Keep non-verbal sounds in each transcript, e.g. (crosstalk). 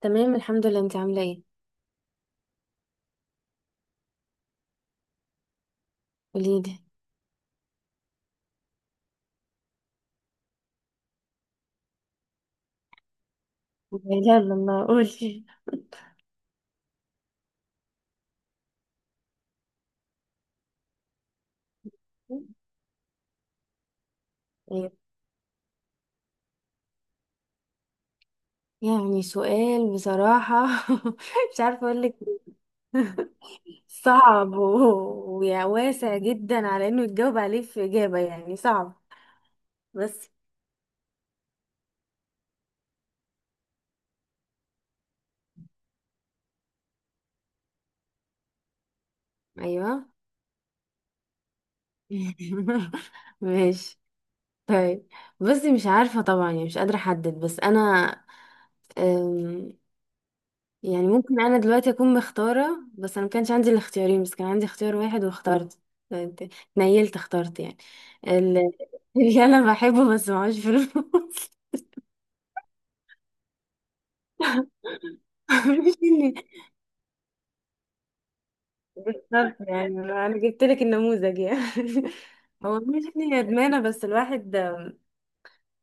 تمام الحمد لله، انت عامله ايه؟ قوليلي. يلا الله قولي ايه. يعني سؤال بصراحه. (laughs) مش عارفه اقول لك إيه. (laughs) صعب وواسع جدا على انه يتجاوب عليه في اجابه، يعني صعب بس. ايوه. (laughs) ماشي، طيب. بصي مش عارفه طبعا، يعني مش قادره احدد، بس انا أم، يعني ممكن انا دلوقتي اكون مختاره، بس انا ما كانش عندي الاختيارين، بس كان عندي اختيار واحد واخترت. نيلت اخترت يعني ال- (laughs) اللي انا بحبه بس معهوش فلوس. (laughs) مش اني، يعني انا جبت لك النموذج يعني. (laughs) هو مش اني ندمانه، بس الواحد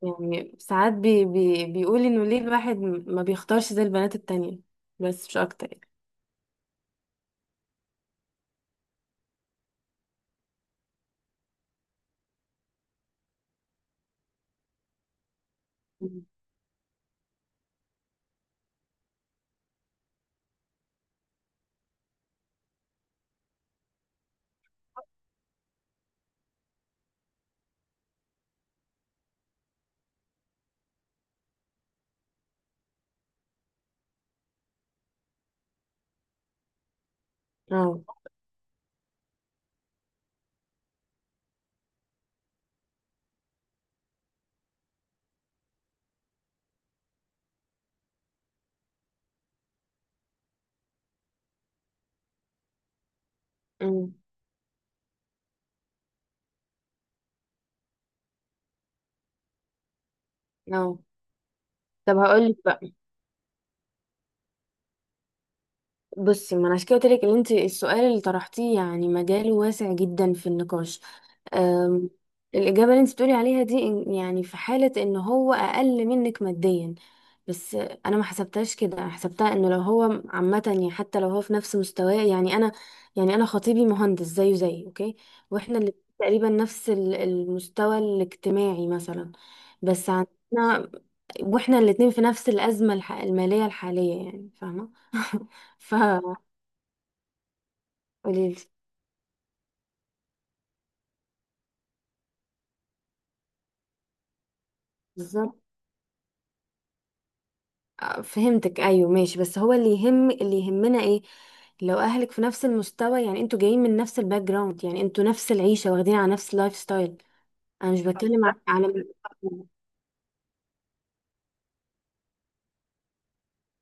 يعني ساعات بي بي بيقول انه ليه الواحد ما بيختارش زي البنات التانية؟ بس مش اكتر يعني. اه. أمم. اه. طب هقول لك بقى، بصي ما انا عشان كده قلت لك ان انت السؤال اللي طرحتيه يعني مجاله واسع جدا في النقاش. أم، الاجابه اللي انت بتقولي عليها دي يعني في حاله ان هو اقل منك ماديا، بس انا ما حسبتهاش كده، أنا حسبتها انه لو هو عامه، يعني حتى لو هو في نفس مستواه، يعني انا يعني انا خطيبي مهندس زيه زي، اوكي؟ واحنا اللي تقريبا نفس المستوى الاجتماعي مثلا، بس عندنا واحنا الاتنين في نفس الازمه الماليه الحاليه، يعني فاهمه. (laughs) ف قوليلي. بالظبط. فهمتك، ايوه ماشي، بس هو اللي يهم اللي يهمنا ايه؟ لو اهلك في نفس المستوى، يعني انتوا جايين من نفس الباك جراوند، يعني انتوا نفس العيشه واخدين على نفس اللايف ستايل. انا مش بتكلم على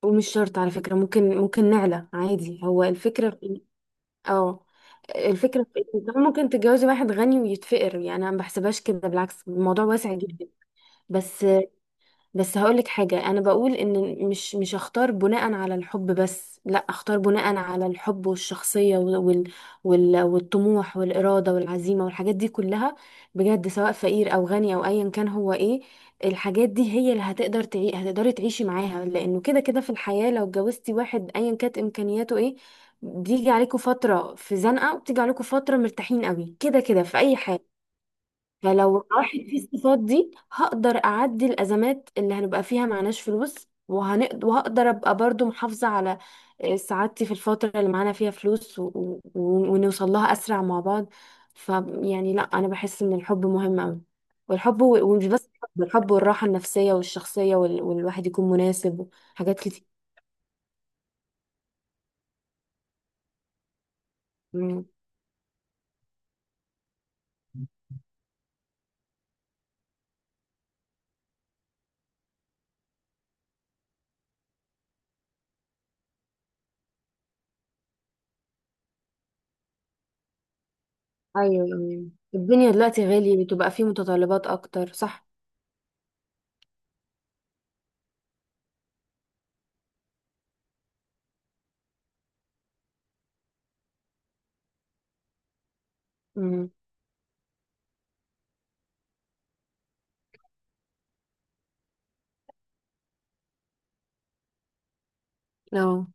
ومش شرط على فكره، ممكن نعلى عادي، هو الفكره في إيه؟ اه. الفكره في إيه؟ إن طبعاً ممكن تتجوزي واحد غني ويتفقر، يعني انا ما بحسبهاش كده، بالعكس الموضوع واسع جدا. بس، بس هقولك حاجة، أنا بقول إن مش أختار بناء على الحب بس، لأ، أختار بناء على الحب والشخصية وال والطموح والإرادة والعزيمة والحاجات دي كلها، بجد سواء فقير أو غني أو أيا كان، هو إيه؟ الحاجات دي هي اللي هتقدر تعي، هتقدري تعيشي معاها، لأنه كده كده في الحياة لو اتجوزتي واحد أيا كانت إمكانياته إيه، بيجي عليكم فترة في زنقة وبتيجي عليكم فترة مرتاحين قوي، كده كده في أي حاجة. فلو راحت في الصفات دي هقدر أعدي الأزمات اللي هنبقى فيها معناش فلوس، وهنقدر وهقدر أبقى برضو محافظة على سعادتي في الفترة اللي معانا فيها فلوس ونوصل لها أسرع مع بعض. ف يعني لا، أنا بحس إن الحب مهم أوي، والحب ومش بس الحب، الحب والراحة النفسية والشخصية والواحد يكون مناسب وحاجات كتير. مم. أيوة أيوة، الدنيا دلوقتي غالية، بتبقى فيه متطلبات أكتر، صح؟ مم. اه.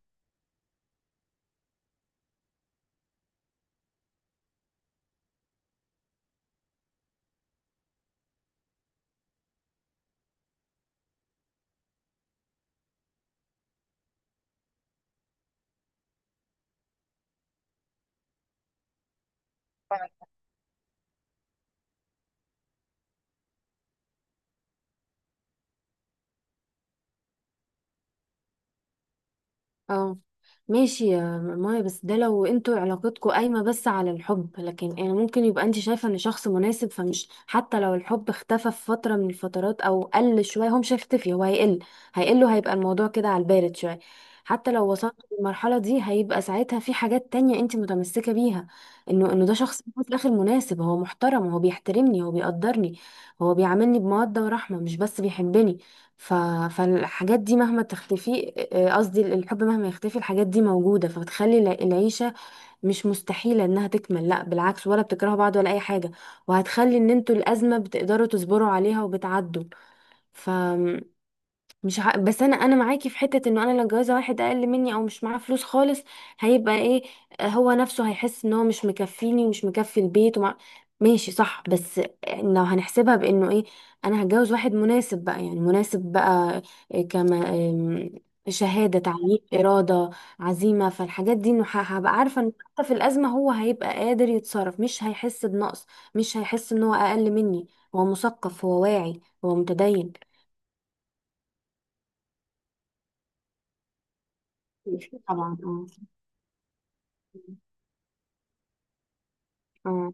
اه ماشي يا مايا، بس ده لو انتوا علاقتكم قايمة بس على الحب، لكن يعني ممكن يبقى انت شايفة ان شخص مناسب، فمش حتى لو الحب اختفى في فترة من الفترات او قل شوية، هو مش هيختفي، هو هيقل، هيقل وهيبقى الموضوع كده على البارد شوية. حتى لو وصلت للمرحلة دي، هيبقى ساعتها في حاجات تانية انت متمسكة بيها، انه ده شخص في الاخر مناسب، هو محترم، هو بيحترمني، هو بيقدرني، هو بيعاملني بمودة ورحمة مش بس بيحبني. ف... فالحاجات دي مهما تختفي، قصدي الحب مهما يختفي، الحاجات دي موجودة، فبتخلي العيشة مش مستحيلة انها تكمل، لا بالعكس، ولا بتكرهوا بعض ولا اي حاجة، وهتخلي ان انتوا الأزمة بتقدروا تصبروا عليها وبتعدوا. ف مش ع... بس انا معاكي في حته، انه انا لو جوازه واحد اقل مني او مش معاه فلوس خالص، هيبقى ايه؟ هو نفسه هيحس ان هو مش مكفيني ومش مكفي البيت ماشي صح، بس لو هنحسبها بانه ايه، انا هتجوز واحد مناسب بقى، يعني مناسب بقى إيه كما شهاده، تعليم، اراده، عزيمه، فالحاجات دي انه هبقى عارفه ان حتى في الازمه هو هيبقى قادر يتصرف، مش هيحس بنقص، مش هيحس ان هو اقل مني، هو مثقف، هو واعي، هو متدين. طبعا. اه. اه.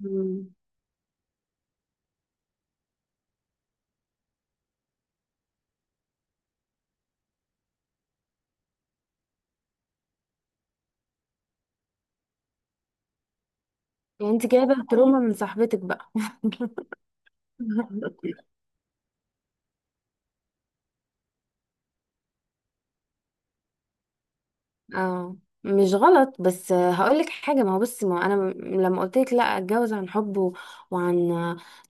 مم. يعني انت جايبه تروما من صاحبتك بقى؟ (laughs) اه. مش غلط، بس هقول لك حاجه، ما هو بصي ما هو انا لما قلت لك لا اتجوز عن حب وعن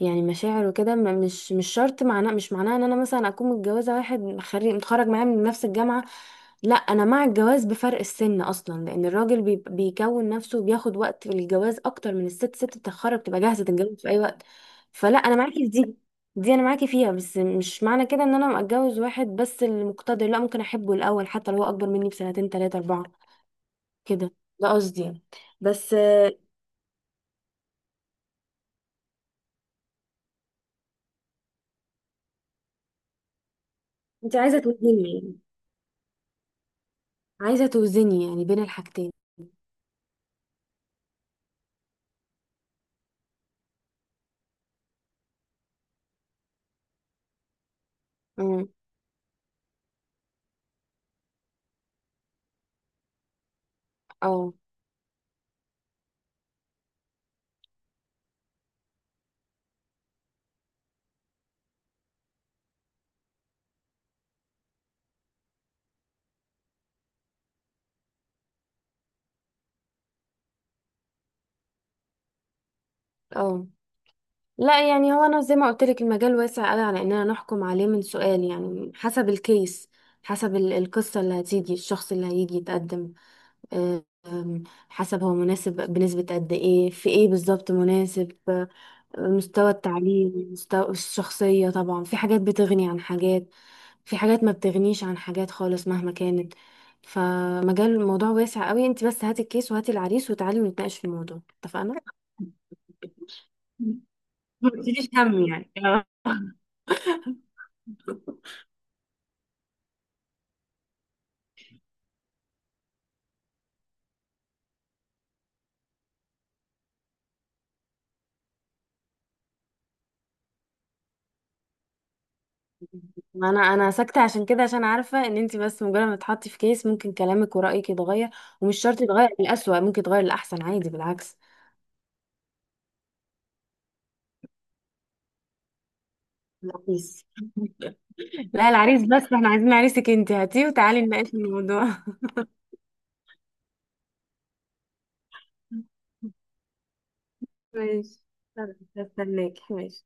يعني مشاعر وكده، مش شرط معناه، مش معناه ان انا مثلا اكون متجوزه واحد خريج متخرج معايا من نفس الجامعه، لا، انا مع الجواز بفرق السن اصلا، لان الراجل بيكون نفسه وبياخد وقت في الجواز اكتر من الست، ست بتتخرج بتبقى جاهزه تتجوز في اي وقت. فلا انا معاكي في دي، دي انا معاكي فيها، بس مش معنى كده ان انا اتجوز واحد بس اللي مقتدر، لا، ممكن احبه الاول حتى لو هو اكبر مني بسنتين تلاتة اربعة، كده ده قصدي يعني. بس انت عايزه توزني يعني؟ عايزه توزني يعني بين الحاجتين. امم. اه. اه لا، يعني هو انا زي ما قلت لك، المجال واسع قوي على اننا نحكم عليه من سؤال، يعني حسب الكيس، حسب القصة اللي هتيجي، الشخص اللي هيجي يتقدم، أم، حسب هو مناسب بنسبة قد ايه، في ايه بالظبط مناسب، مستوى التعليم، مستوى الشخصية، طبعا في حاجات بتغني عن حاجات، في حاجات ما بتغنيش عن حاجات خالص مهما كانت، فمجال الموضوع واسع قوي، انت بس هاتي الكيس وهاتي العريس وتعالي ونتناقش في الموضوع، اتفقنا؟ (laughs) ما تشيليش هم يعني. ما انا انا ساكته عشان كده، عشان عارفه ان انت بس مجرد ما تحطي في كيس ممكن كلامك ورايك يتغير، ومش شرط يتغير للأسوأ، ممكن يتغير للأحسن عادي، بالعكس. العريس؟ لا العريس، بس احنا عايزين عريسك انت، هاتيه وتعالي نناقش الموضوع. (laughs) ماشي استناك، ماشي.